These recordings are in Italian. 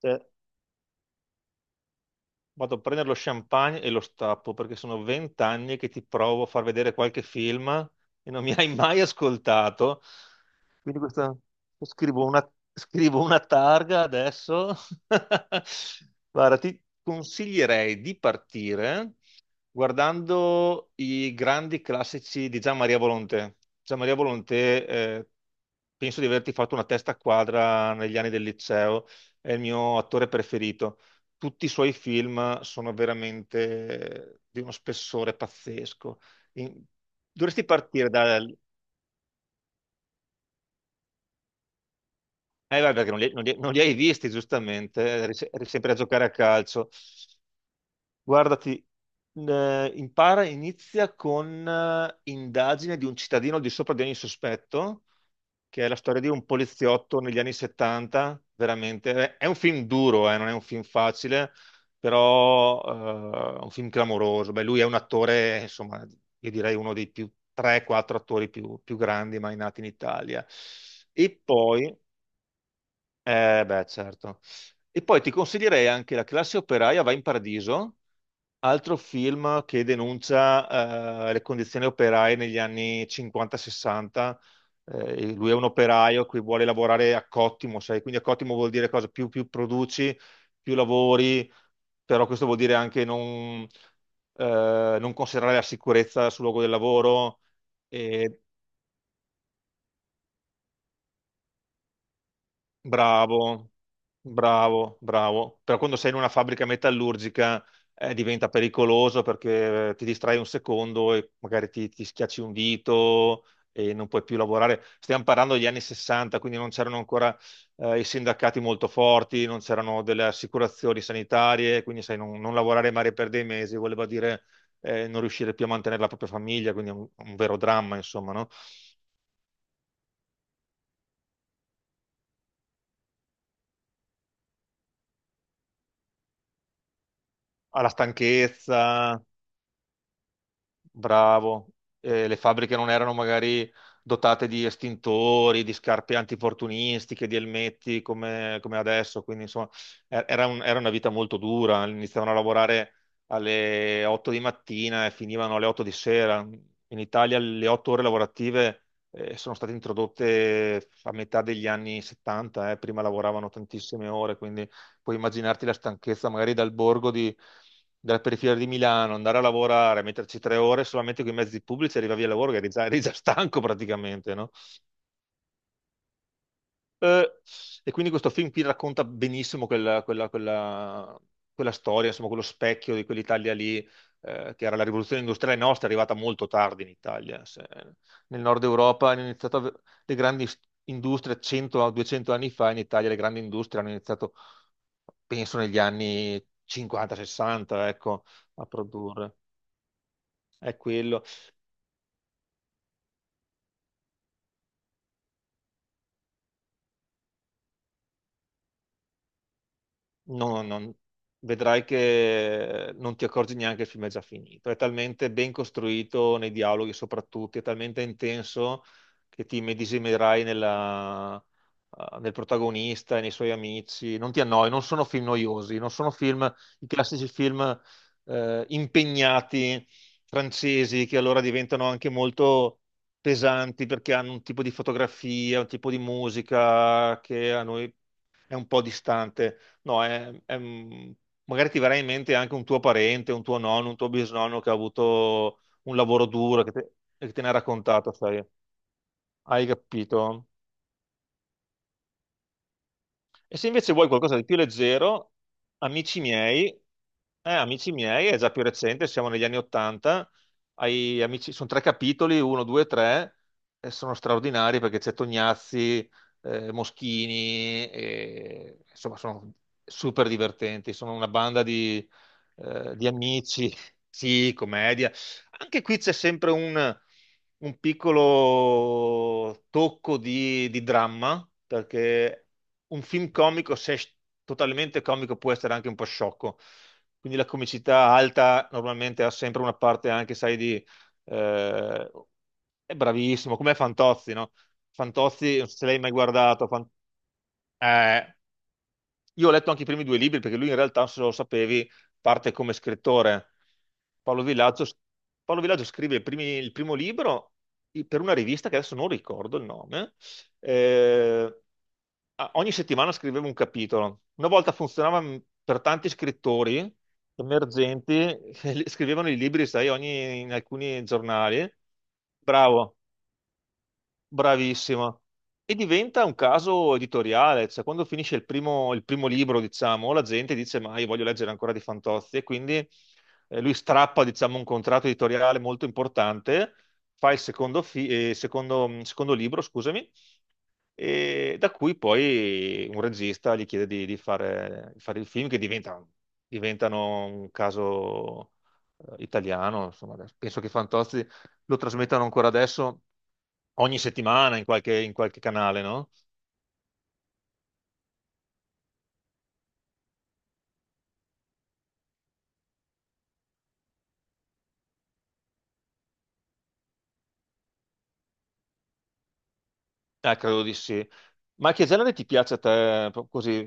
Cioè, vado a prendere lo champagne e lo stappo perché sono vent'anni che ti provo a far vedere qualche film e non mi hai mai ascoltato. Quindi questa, scrivo una, scrivo una targa adesso. Guarda, ti consiglierei di partire guardando i grandi classici di Gian Maria Volonté. Gian Maria Volonté, penso di averti fatto una testa quadra negli anni del liceo, è il mio attore preferito. Tutti i suoi film sono veramente di uno spessore pazzesco. In- Dovresti partire vabbè, perché non li hai visti, giustamente, eri, se- eri sempre a giocare a calcio. Guardati, impara, inizia con indagine di un cittadino al di sopra di ogni sospetto, che è la storia di un poliziotto negli anni 70, veramente. È un film duro, non è un film facile, però è un film clamoroso. Beh, lui è un attore, insomma, io direi uno dei più 3-4 attori più grandi mai nati in Italia. E poi, beh, certo. E poi ti consiglierei anche La classe operaia va in paradiso. Altro film che denuncia le condizioni operaie negli anni 50-60. Lui è un operaio che vuole lavorare a cottimo, sai? Quindi a cottimo vuol dire cosa? Più produci, più lavori, però questo vuol dire anche non considerare la sicurezza sul luogo del lavoro. E bravo, bravo. Però quando sei in una fabbrica metallurgica diventa pericoloso perché ti distrai un secondo e magari ti schiacci un dito e non puoi più lavorare. Stiamo parlando degli anni 60, quindi non c'erano ancora i sindacati molto forti, non c'erano delle assicurazioni sanitarie, quindi sai, non lavorare magari per dei mesi voleva dire non riuscire più a mantenere la propria famiglia, quindi è un vero dramma, insomma, no? Alla stanchezza, bravo. Le fabbriche non erano magari dotate di estintori, di scarpe antifortunistiche, di elmetti come adesso, quindi insomma era una vita molto dura. Iniziavano a lavorare alle 8 di mattina e finivano alle 8 di sera. In Italia le 8 ore lavorative sono state introdotte a metà degli anni 70, prima lavoravano tantissime ore, quindi puoi immaginarti la stanchezza magari della periferia di Milano, andare a lavorare, metterci 3 ore solamente con i mezzi pubblici, arrivavi al lavoro che eri già stanco praticamente, no? Eh, e quindi questo film qui racconta benissimo quella storia, insomma, quello specchio di quell'Italia lì, che era la rivoluzione industriale nostra, è arrivata molto tardi in Italia. Nel nord Europa hanno iniziato a- le grandi s- industrie 100-200 anni fa, in Italia le grandi industrie hanno iniziato penso negli anni 50-60, ecco, a produrre. È quello. No, non- Vedrai che non ti accorgi neanche che il film è già finito. È talmente ben costruito nei dialoghi, soprattutto, è talmente intenso che ti immedesimerai nel protagonista e nei suoi amici. Non ti annoi, non sono film noiosi, non sono film, i classici film impegnati francesi che allora diventano anche molto pesanti perché hanno un tipo di fotografia, un tipo di musica che a noi è un po' distante. No, è un- Magari ti verrà in mente anche un tuo parente, un tuo nonno, un tuo bisnonno che ha avuto un lavoro duro e che te ne ha raccontato, sai? Hai capito? E se invece vuoi qualcosa di più leggero, amici miei. Amici miei è già più recente, siamo negli anni Ottanta, sono 3 capitoli, uno, due, tre, e sono straordinari perché c'è Tognazzi, Moschini, e, insomma sono super divertenti, sono una banda di amici, sì, commedia. Anche qui c'è sempre un piccolo tocco di dramma, perché un film comico, se è totalmente comico, può essere anche un po' sciocco. Quindi la comicità alta normalmente ha sempre una parte anche, sai, eh, è bravissimo, come Fantozzi, no? Fantozzi, non so se l'hai mai guardato, eh, io ho letto anche i primi 2 libri perché lui in realtà, se lo sapevi, parte come scrittore. Paolo Villaggio, Paolo Villaggio scrive il primo libro per una rivista che adesso non ricordo il nome. Eh, Ogni settimana scriveva un capitolo. Una volta funzionava per tanti scrittori emergenti, scrivevano i libri, sai, in alcuni giornali. Bravo. Bravissima. E diventa un caso editoriale, cioè quando finisce il primo libro, diciamo, la gente dice, ma io voglio leggere ancora di Fantozzi, e quindi lui strappa, diciamo, un contratto editoriale molto importante, fa il secondo, secondo libro, scusami, e da cui poi un regista gli chiede di fare il film che diventa, diventano un caso italiano, insomma, penso che Fantozzi lo trasmettano ancora adesso ogni settimana in in qualche canale, no? Credo di sì. Ma che genere ti piace a te? Così,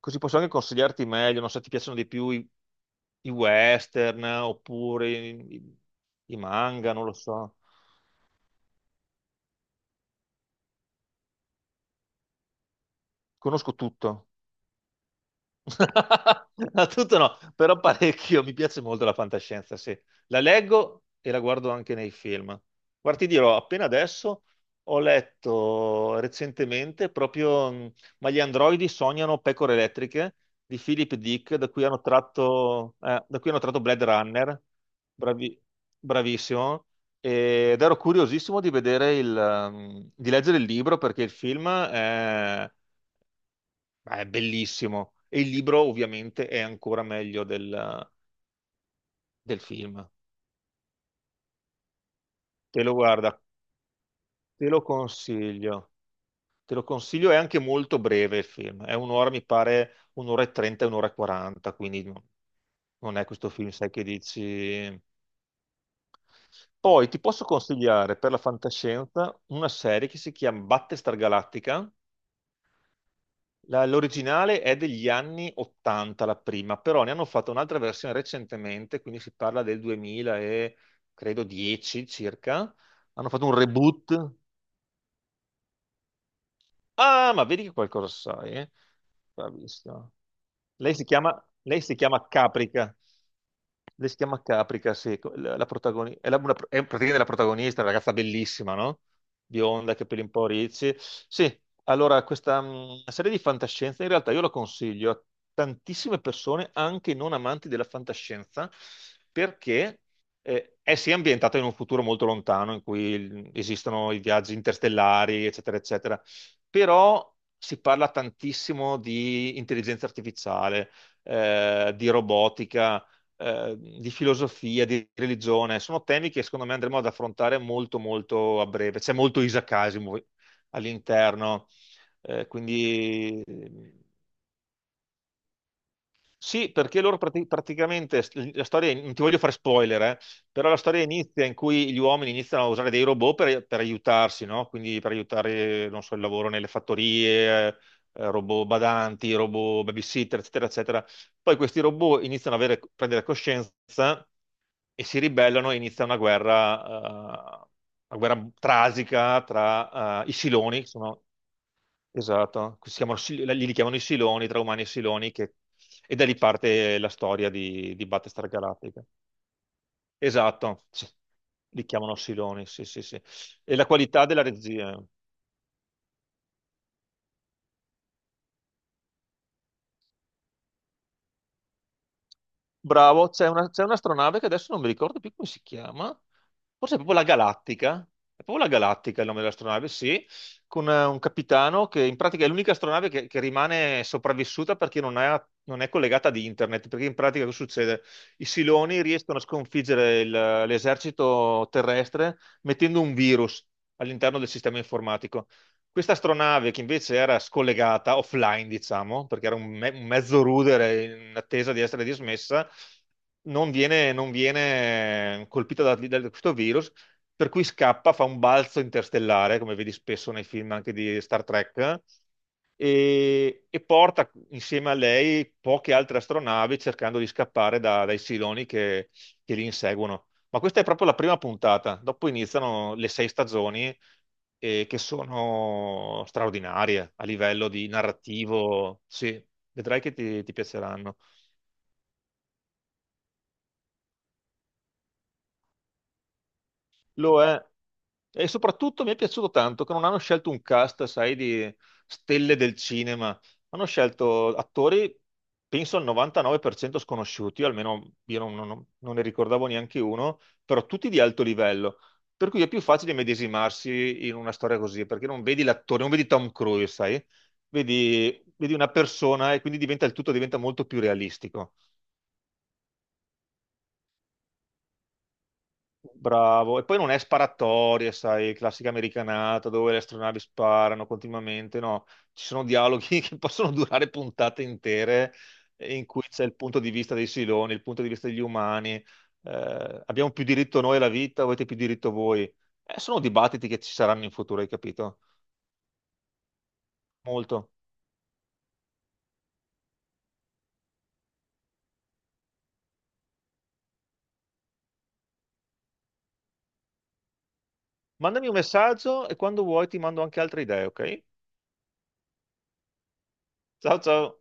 così posso anche consigliarti meglio, non so, ti piacciono di più i western oppure i manga, non lo so. Conosco tutto. No, tutto no, però parecchio, mi piace molto la fantascienza, sì. La leggo e la guardo anche nei film. Guarda, ti dirò, appena adesso ho letto recentemente proprio Ma gli androidi sognano pecore elettriche di Philip Dick, da cui hanno tratto, da cui hanno tratto Blade Runner, Bravi- bravissimo, ed ero curiosissimo di vedere di leggere il libro perché il film è È bellissimo. E il libro ovviamente è ancora meglio del film. Te lo guarda, te lo consiglio. Te lo consiglio, è anche molto breve il film. È un'ora, mi pare, un'ora e trenta, un'ora e quaranta, quindi non è questo film, sai che dici. Poi ti posso consigliare per la fantascienza una serie che si chiama Battlestar Galactica. L'originale è degli anni 80, la prima, però ne hanno fatto un'altra versione recentemente, quindi si parla del 2000 e credo 10 circa. Hanno fatto un reboot. Ah, ma vedi che qualcosa sai, eh? Bravissima. Lei si chiama Caprica. Lei si chiama Caprica, sì, protagonista, è praticamente la protagonista, una ragazza bellissima, no? Bionda, capelli un po' ricci. Sì, allora questa serie di fantascienza in realtà io la consiglio a tantissime persone, anche non amanti della fantascienza, perché è sì ambientata in un futuro molto lontano esistono i viaggi interstellari, eccetera, eccetera, però si parla tantissimo di intelligenza artificiale, di robotica di filosofia, di religione. Sono temi che secondo me andremo ad affrontare molto, molto a breve. C'è molto Isaac Asimov all'interno. Eh, quindi eh, sì, perché loro praticamente la storia, non ti voglio fare spoiler, però la storia inizia in cui gli uomini iniziano a usare dei robot per aiutarsi, no? Quindi per aiutare, non so, il lavoro nelle fattorie. Eh, robot badanti, robot babysitter, eccetera, eccetera. Poi questi robot iniziano a prendere coscienza e si ribellano e inizia una guerra trasica tra i Siloni, che sono, esatto, si chiamano li chiamano i Siloni, tra umani e Siloni, e da lì parte la storia di Battlestar Galactica. Esatto, sì, li chiamano Siloni, sì, sì, sì. E la qualità della regia. Bravo, c'è una, c'è un'astronave che adesso non mi ricordo più come si chiama, forse è proprio la Galattica, è proprio la Galattica il nome dell'astronave, sì, con un capitano che in pratica è l'unica astronave che rimane sopravvissuta perché non è collegata ad internet, perché in pratica cosa succede? I Siloni riescono a sconfiggere l'esercito terrestre mettendo un virus all'interno del sistema informatico. Questa astronave che invece era scollegata offline, diciamo, perché era un mezzo rudere in attesa di essere dismessa, non viene colpita da questo virus, per cui scappa, fa un balzo interstellare, come vedi spesso nei film anche di Star Trek, e porta insieme a lei poche altre astronavi cercando di scappare dai siloni che li inseguono. Ma questa è proprio la prima puntata, dopo iniziano le 6 stagioni che sono straordinarie a livello di narrativo. Sì, vedrai che ti piaceranno. Lo è. E soprattutto mi è piaciuto tanto che non hanno scelto un cast, sai, di stelle del cinema. Hanno scelto attori, penso al 99% sconosciuti, almeno io non, non- non ne ricordavo neanche uno, però tutti di alto livello. Per cui è più facile medesimarsi in una storia così, perché non vedi l'attore, non vedi Tom Cruise, sai? Vedi una persona e quindi diventa, il tutto diventa molto più realistico. Bravo, e poi non è sparatorie, sai, classica americanata dove le astronavi sparano continuamente, no, ci sono dialoghi che possono durare puntate intere in cui c'è il punto di vista dei siloni, il punto di vista degli umani, abbiamo più diritto noi alla vita, o avete più diritto voi? Sono dibattiti che ci saranno in futuro, hai capito? Molto. Mandami un messaggio e quando vuoi ti mando anche altre idee, ok? Ciao ciao!